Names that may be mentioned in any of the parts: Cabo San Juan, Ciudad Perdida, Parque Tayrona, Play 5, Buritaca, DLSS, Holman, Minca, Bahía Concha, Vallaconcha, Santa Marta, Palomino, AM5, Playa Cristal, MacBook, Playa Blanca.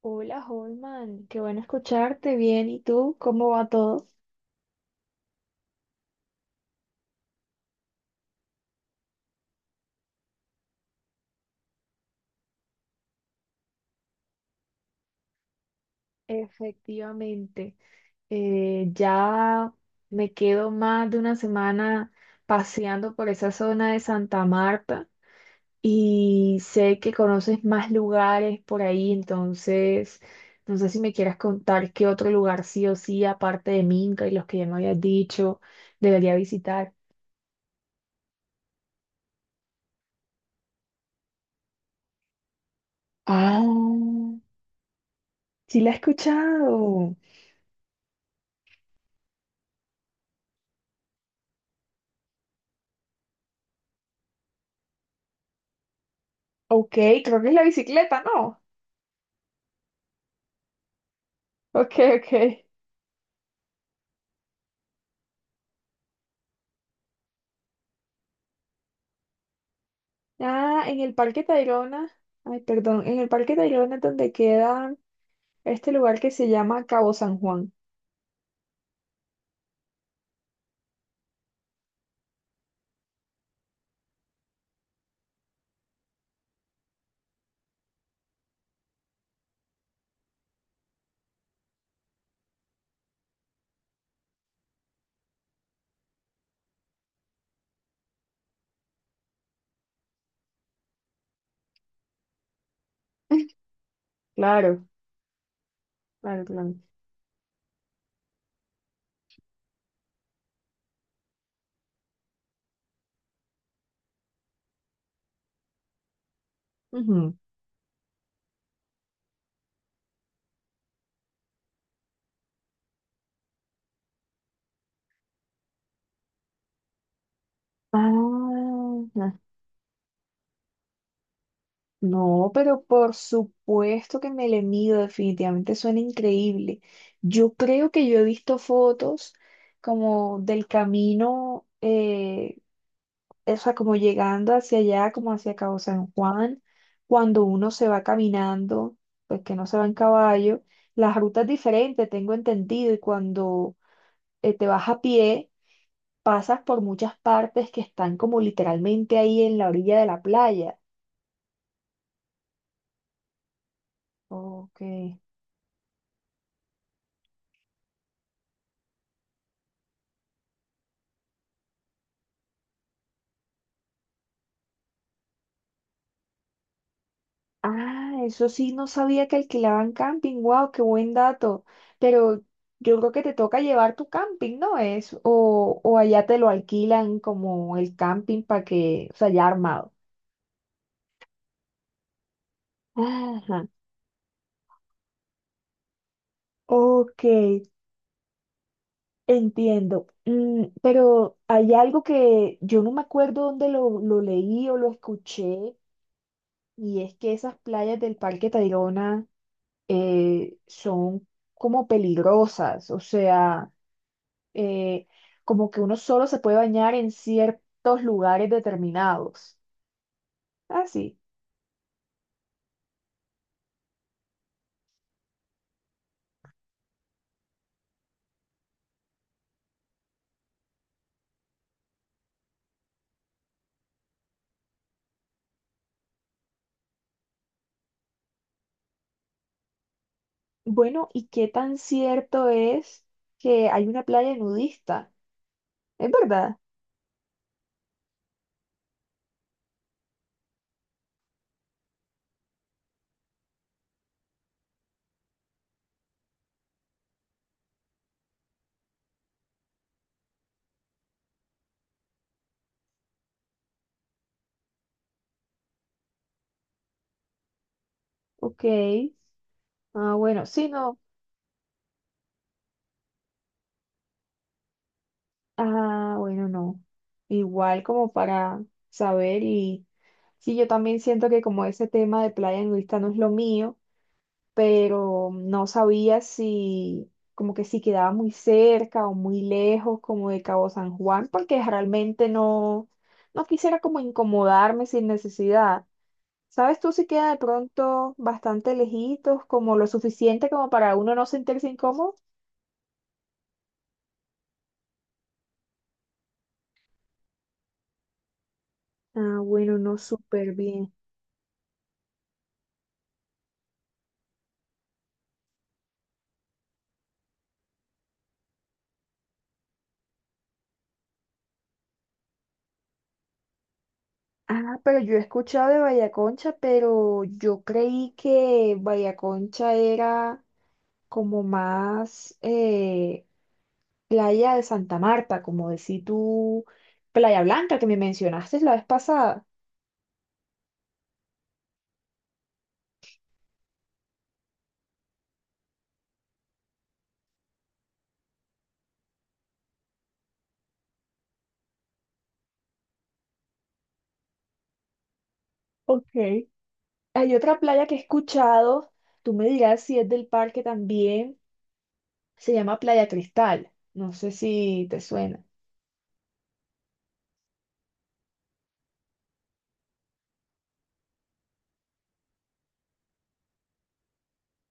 Hola, Holman, qué bueno escucharte bien. ¿Y tú? ¿Cómo va todo? Efectivamente, ya me quedo más de una semana paseando por esa zona de Santa Marta y sé que conoces más lugares por ahí, entonces no sé si me quieras contar qué otro lugar sí o sí, aparte de Minca y los que ya me habías dicho, debería visitar. Ah, sí la he escuchado. Ok, creo que es la bicicleta, ¿no? Ok, ok. Ah, en el Parque Tayrona, ay, perdón, en el Parque Tayrona es donde queda este lugar que se llama Cabo San Juan. Claro, claro, claro. Ujú. Ah, ah. No, pero por supuesto que me le mido, definitivamente suena increíble. Yo creo que yo he visto fotos como del camino, O sea, como llegando hacia allá, como hacia Cabo San Juan, cuando uno se va caminando, pues que no se va en caballo, las rutas diferentes, tengo entendido, y cuando te vas a pie, pasas por muchas partes que están como literalmente ahí en la orilla de la playa. Ok. Ah, eso sí, no sabía que alquilaban camping. Wow, qué buen dato. Pero yo creo que te toca llevar tu camping, ¿no es? O allá te lo alquilan como el camping para que, o sea, ya armado. Ajá. Ok, entiendo. Mm, pero hay algo que yo no me acuerdo dónde lo leí o lo escuché, y es que esas playas del Parque Tayrona son como peligrosas, o sea. eh, como que uno solo se puede bañar en ciertos lugares determinados. Así. Bueno, ¿y qué tan cierto es que hay una playa nudista? ¿Es verdad? Ok. Ah, bueno, sí, no. Ah, bueno, no. Igual como para saber y sí, yo también siento que como ese tema de playa nudista no es lo mío. Pero no sabía si como que si quedaba muy cerca o muy lejos como de Cabo San Juan, porque realmente no, no quisiera como incomodarme sin necesidad. ¿Sabes tú si queda de pronto bastante lejitos, como lo suficiente como para uno no sentirse incómodo? Ah, bueno, no, súper bien. Ah, pero yo he escuchado de Vallaconcha, pero yo creí que Vallaconcha era como más, Playa de Santa Marta, como decís tú, Playa Blanca que me mencionaste la vez pasada. Ok. Hay otra playa que he escuchado, tú me dirás si es del parque también, se llama Playa Cristal. No sé si te suena.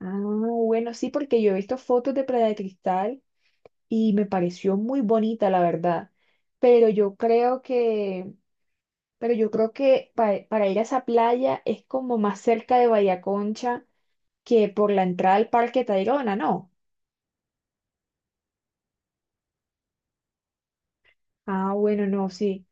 Ah, bueno, sí, porque yo he visto fotos de Playa de Cristal y me pareció muy bonita, la verdad. Pero yo creo que, pero yo creo que para ir a esa playa es como más cerca de Bahía Concha que por la entrada al Parque Tayrona, ¿no? Ah, bueno, no, sí.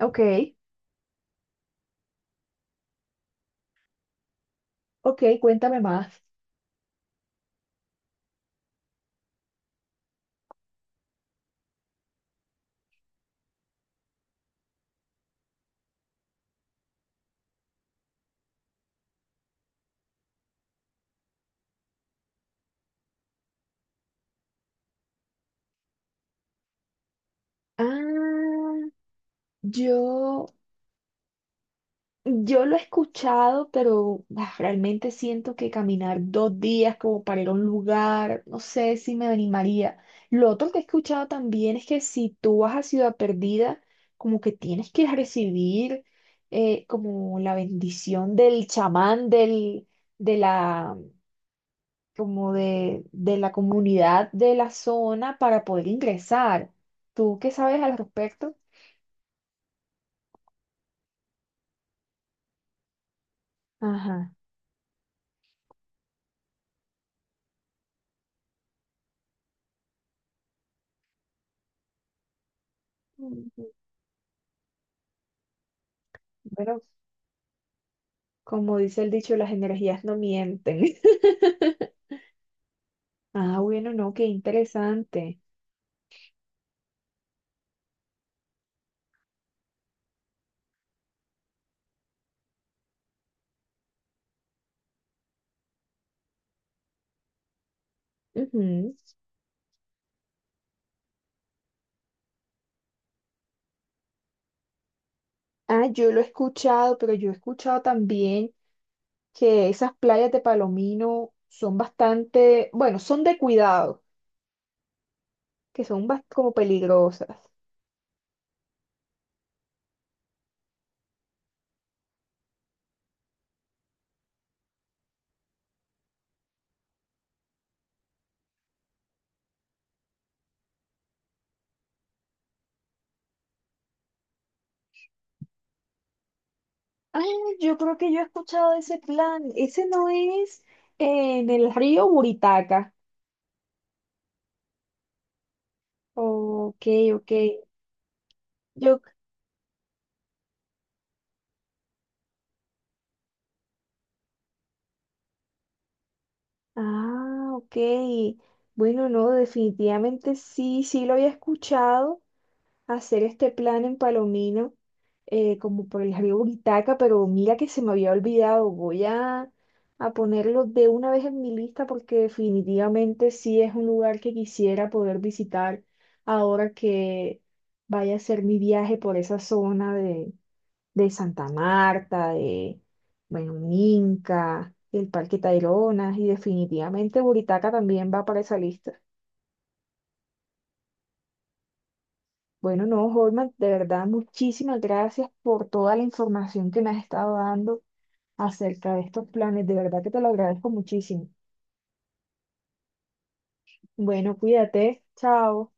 Ok, ok, cuéntame más. Ah, yo, yo lo he escuchado, pero ah, realmente siento que caminar 2 días como para ir a un lugar, no sé si me animaría. Lo otro que he escuchado también es que si tú vas a Ciudad Perdida, como que tienes que recibir como la bendición del chamán del, de la, como de la comunidad de la zona para poder ingresar. ¿Tú qué sabes al respecto? Ajá. Mm, bueno, como dice el dicho, las energías no mienten. Ah, bueno, no, qué interesante. Ujú. Ah, yo lo he escuchado, pero yo he escuchado también que esas playas de Palomino son bastante, bueno, son de cuidado, que son como peligrosas. Ay, yo creo que yo he escuchado ese plan. Ese no es en el río Buritaca. Ok, ok. Yo, ok. Bueno, no, definitivamente sí, sí lo había escuchado. Hacer este plan en Palomino, como por el río Buritaca, pero mira que se me había olvidado. Voy a ponerlo de una vez en mi lista porque definitivamente sí es un lugar que quisiera poder visitar ahora que vaya a ser mi viaje por esa zona de Santa Marta, de, bueno, Minca, el Parque Taironas y definitivamente Buritaca también va para esa lista. Bueno, no, Holman, de verdad, muchísimas gracias por toda la información que me has estado dando acerca de estos planes. De verdad que te lo agradezco muchísimo. Bueno, cuídate. Chao.